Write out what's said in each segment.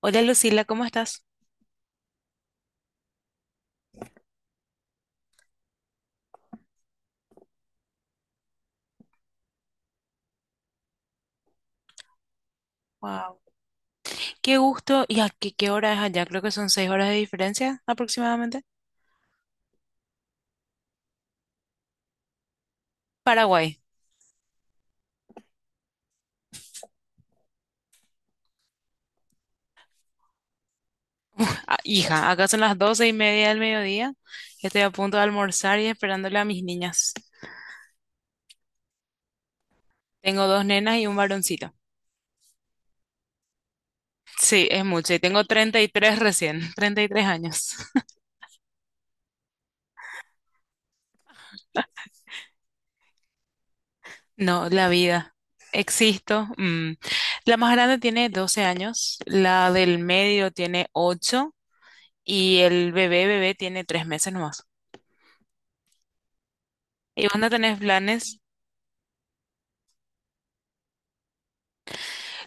Hola Lucila, ¿cómo estás? Wow. Qué gusto. ¿Y a qué, qué hora es allá? Creo que son seis horas de diferencia aproximadamente. Paraguay. Ah, hija, acá son las doce y media del mediodía. Estoy a punto de almorzar y esperándole a mis niñas. Tengo dos nenas y un varoncito. Sí, es mucho. Y tengo 33 recién, 33 años. No, la vida. Existo. Mm. La más grande tiene 12 años, la del medio tiene 8 y el bebé bebé tiene 3 meses nomás. ¿Y vos no tenés planes?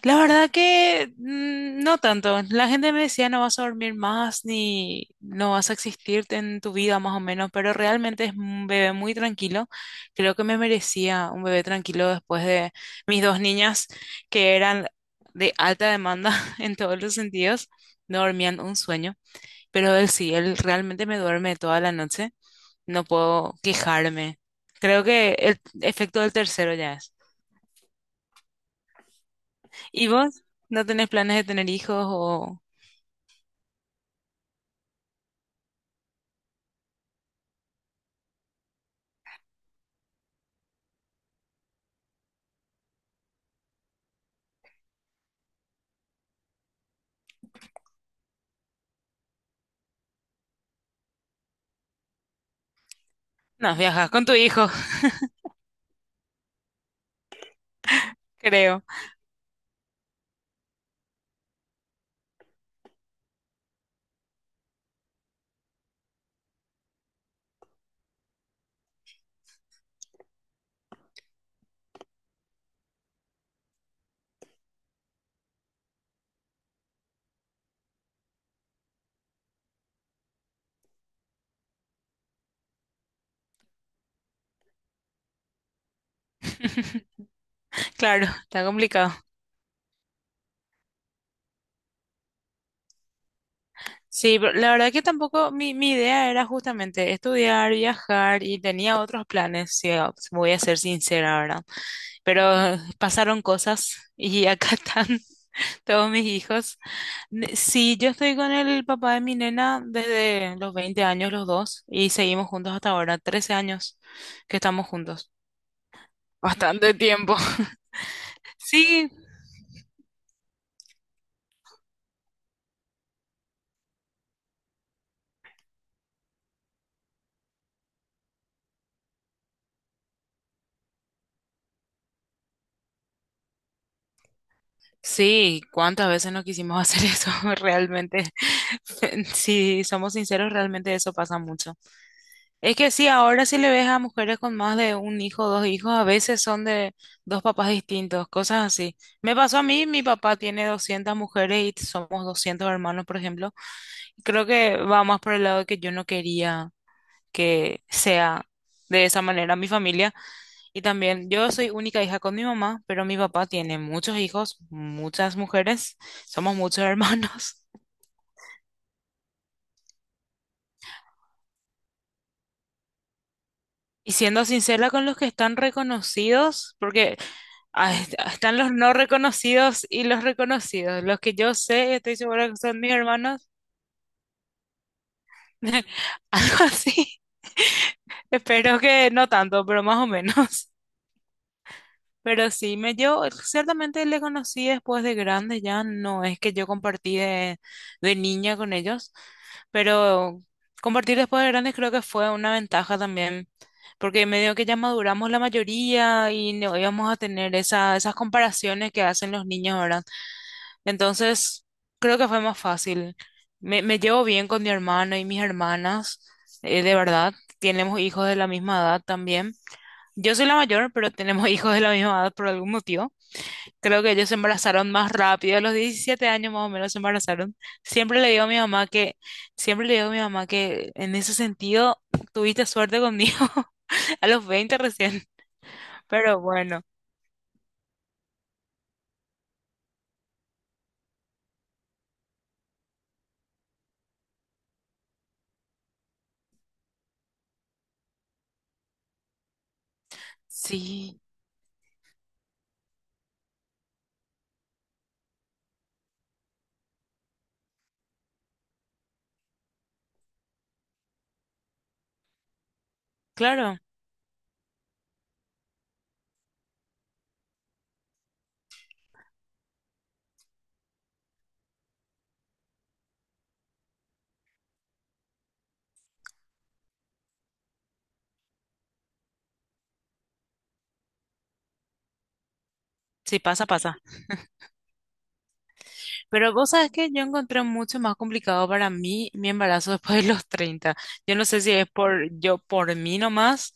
La verdad que no tanto. La gente me decía no vas a dormir más ni no vas a existir en tu vida más o menos, pero realmente es un bebé muy tranquilo. Creo que me merecía un bebé tranquilo después de mis dos niñas que eran de alta demanda en todos los sentidos. No dormían un sueño, pero él sí, él realmente me duerme toda la noche. No puedo quejarme. Creo que el efecto del tercero ya es. ¿Y vos? ¿No tenés planes de tener hijos o...? No, viajas con tu hijo, creo. Claro, está complicado. Sí, pero la verdad que tampoco mi idea era justamente estudiar, viajar y tenía otros planes, si voy a ser sincera, ¿verdad? Pero pasaron cosas y acá están todos mis hijos. Sí, yo estoy con el papá de mi nena desde los 20 años los dos y seguimos juntos hasta ahora, 13 años que estamos juntos. Bastante tiempo. Sí, sí, ¿cuántas veces no quisimos hacer eso? Realmente, si somos sinceros, realmente eso pasa mucho. Es que sí, ahora si le ves a mujeres con más de un hijo, dos hijos, a veces son de dos papás distintos, cosas así. Me pasó a mí, mi papá tiene 200 mujeres y somos 200 hermanos, por ejemplo. Creo que va más por el lado de que yo no quería que sea de esa manera mi familia. Y también, yo soy única hija con mi mamá, pero mi papá tiene muchos hijos, muchas mujeres, somos muchos hermanos. Y siendo sincera con los que están reconocidos, porque ah, están los no reconocidos y los reconocidos. Los que yo sé, estoy segura que son mis hermanos, algo así. Espero que no tanto, pero más o menos. Pero sí, me yo ciertamente le conocí después de grande, ya no es que yo compartí de niña con ellos. Pero compartir después de grandes creo que fue una ventaja también, porque medio que ya maduramos la mayoría y no íbamos a tener esa, esas comparaciones que hacen los niños ahora. Entonces, creo que fue más fácil. Me llevo bien con mi hermano y mis hermanas, de verdad. Tenemos hijos de la misma edad también. Yo soy la mayor, pero tenemos hijos de la misma edad por algún motivo. Creo que ellos se embarazaron más rápido, a los 17 años más o menos se embarazaron. Siempre le digo a mi mamá que, siempre le digo a mi mamá que en ese sentido tuviste suerte conmigo a los 20 recién. Pero bueno, sí, claro, si pasa, pasa. Pero vos sabes que yo encontré mucho más complicado para mí mi embarazo después de los treinta. Yo no sé si es por yo, por mí nomás,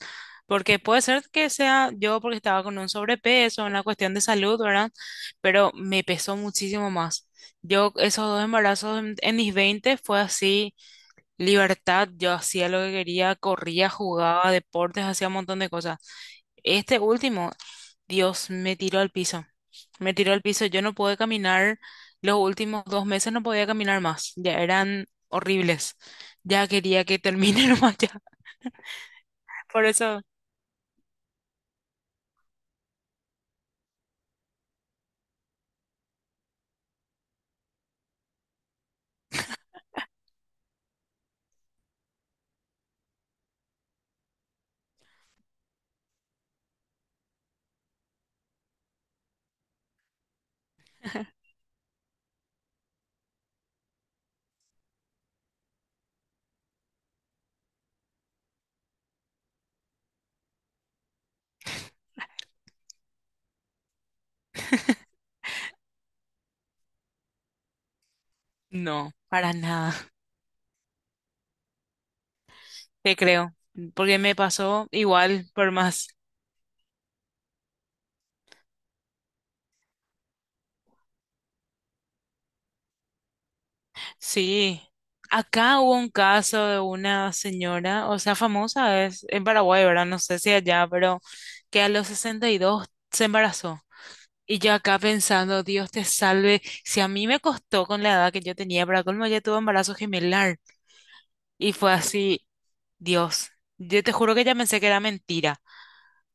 porque puede ser que sea yo porque estaba con un sobrepeso, una cuestión de salud, ¿verdad? Pero me pesó muchísimo más. Yo, esos dos embarazos en mis 20 fue así, libertad, yo hacía lo que quería, corría, jugaba deportes, hacía un montón de cosas. Este último, Dios, me tiró al piso. Me tiró al piso. Yo no pude caminar. Los últimos dos meses no podía caminar más. Ya eran horribles. Ya quería que termine nomás ya. Por eso, no, para nada. Te creo. Porque me pasó igual, por más. Sí. Acá hubo un caso de una señora, o sea, famosa, es en Paraguay, ¿verdad? No sé si allá, pero que a los 62 se embarazó. Y yo acá pensando, Dios te salve, si a mí me costó con la edad que yo tenía, para colmo ya tuve embarazo gemelar. Y fue así, Dios, yo te juro que ya pensé que era mentira,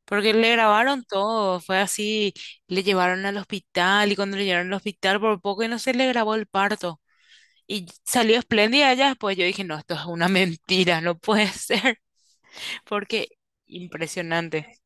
porque le grabaron todo, fue así, le llevaron al hospital y cuando le llevaron al hospital por poco y no se le grabó el parto. Y salió espléndida ella después, yo dije, no, esto es una mentira, no puede ser, porque impresionante.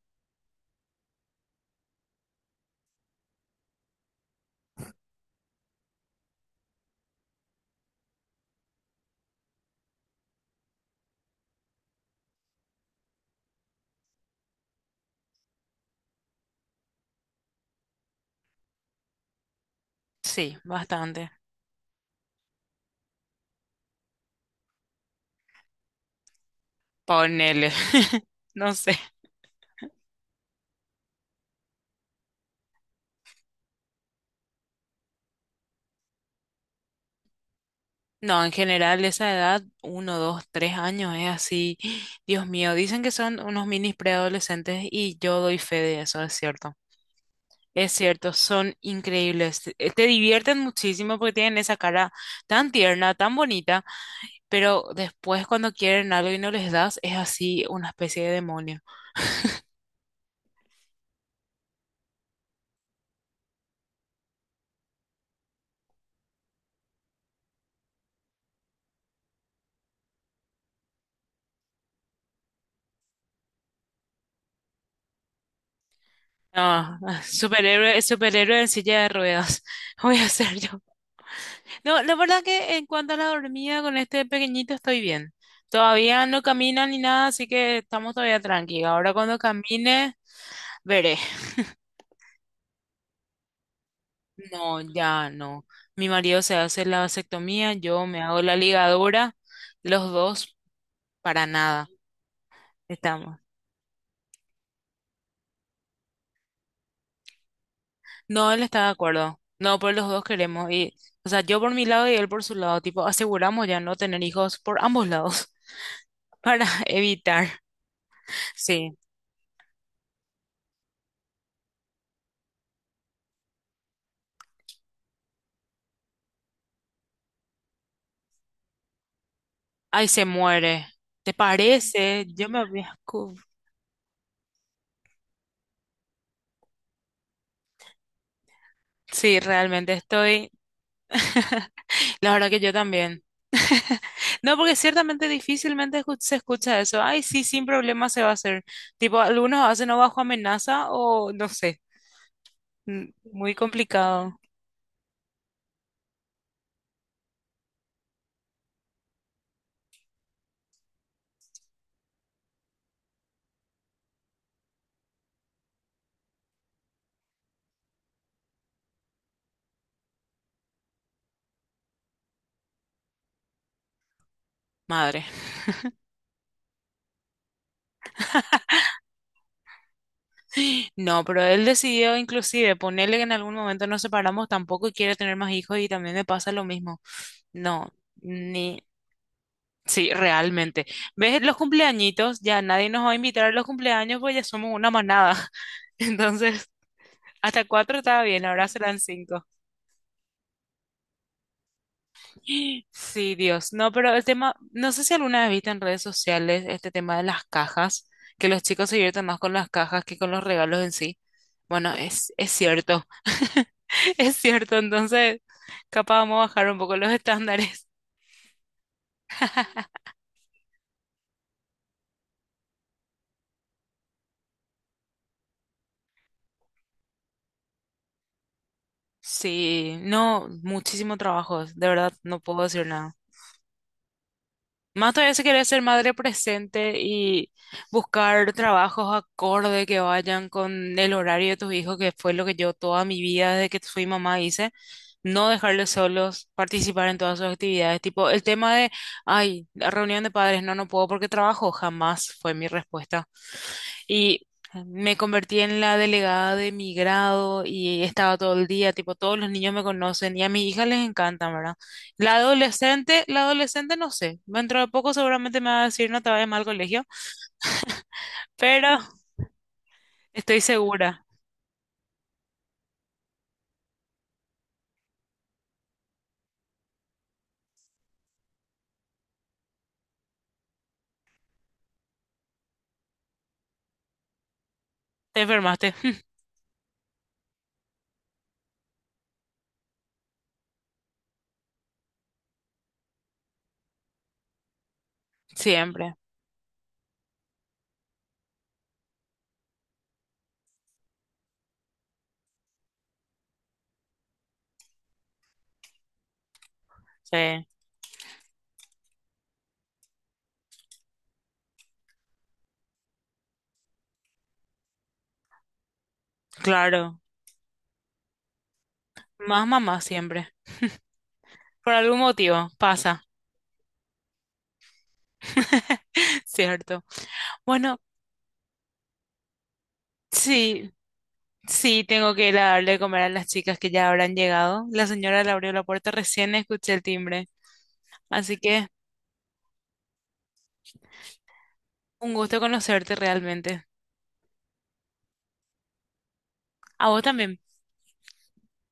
Sí, bastante. Ponele, no sé. No, en general esa edad, uno, dos, tres años, es así. Dios mío, dicen que son unos minis preadolescentes y yo doy fe de eso, es cierto. Es cierto, son increíbles. Te divierten muchísimo porque tienen esa cara tan tierna, tan bonita, pero después cuando quieren algo y no les das, es así una especie de demonio. No, ah, superhéroe, superhéroe en silla de ruedas. Voy a ser yo. No, la verdad que en cuanto a la dormida con este pequeñito estoy bien. Todavía no camina ni nada, así que estamos todavía tranquilos. Ahora cuando camine, veré. No, ya no. Mi marido se hace la vasectomía, yo me hago la ligadura. Los dos, para nada, estamos. No, él está de acuerdo. No, pues los dos queremos. Y, o sea, yo por mi lado y él por su lado. Tipo, aseguramos ya no tener hijos por ambos lados para evitar. Sí. Ay, se muere. ¿Te parece? Yo me había. Sí, realmente estoy... La verdad que yo también. No, porque ciertamente difícilmente se escucha eso. Ay, sí, sin problema se va a hacer. Tipo, algunos hacen o bajo amenaza o no sé. Mm, muy complicado. Madre. No, pero él decidió inclusive ponerle que en algún momento nos separamos, tampoco quiere tener más hijos y también me pasa lo mismo. No, ni. Sí, realmente. ¿Ves los cumpleañitos? Ya nadie nos va a invitar a los cumpleaños porque ya somos una manada. Entonces, hasta cuatro estaba bien, ahora serán cinco. Sí, Dios. No, pero el tema, no sé si alguna vez viste en redes sociales este tema de las cajas, que los chicos se divierten más con las cajas que con los regalos en sí. Bueno, es cierto, es cierto. Entonces, capaz vamos a bajar un poco los estándares. Sí, no, muchísimo trabajo, de verdad, no puedo decir nada. Más todavía se quiere ser madre presente y buscar trabajos acorde que vayan con el horario de tus hijos, que fue lo que yo toda mi vida desde que fui mamá hice. No dejarles solos, participar en todas sus actividades. Tipo, el tema de, ay, la reunión de padres, no, no puedo porque trabajo, jamás fue mi respuesta. Y me convertí en la delegada de mi grado y estaba todo el día, tipo, todos los niños me conocen y a mi hija les encanta, ¿verdad? La adolescente no sé, dentro de poco seguramente me va a decir no te vayas mal al colegio, pero estoy segura, te enfermaste, siempre, sí, claro, más mamá siempre, por algún motivo, pasa, cierto. Bueno, sí. Sí, tengo que ir a darle de comer a las chicas que ya habrán llegado. La señora le abrió la puerta recién, escuché el timbre. Así que un gusto conocerte realmente. A vos también.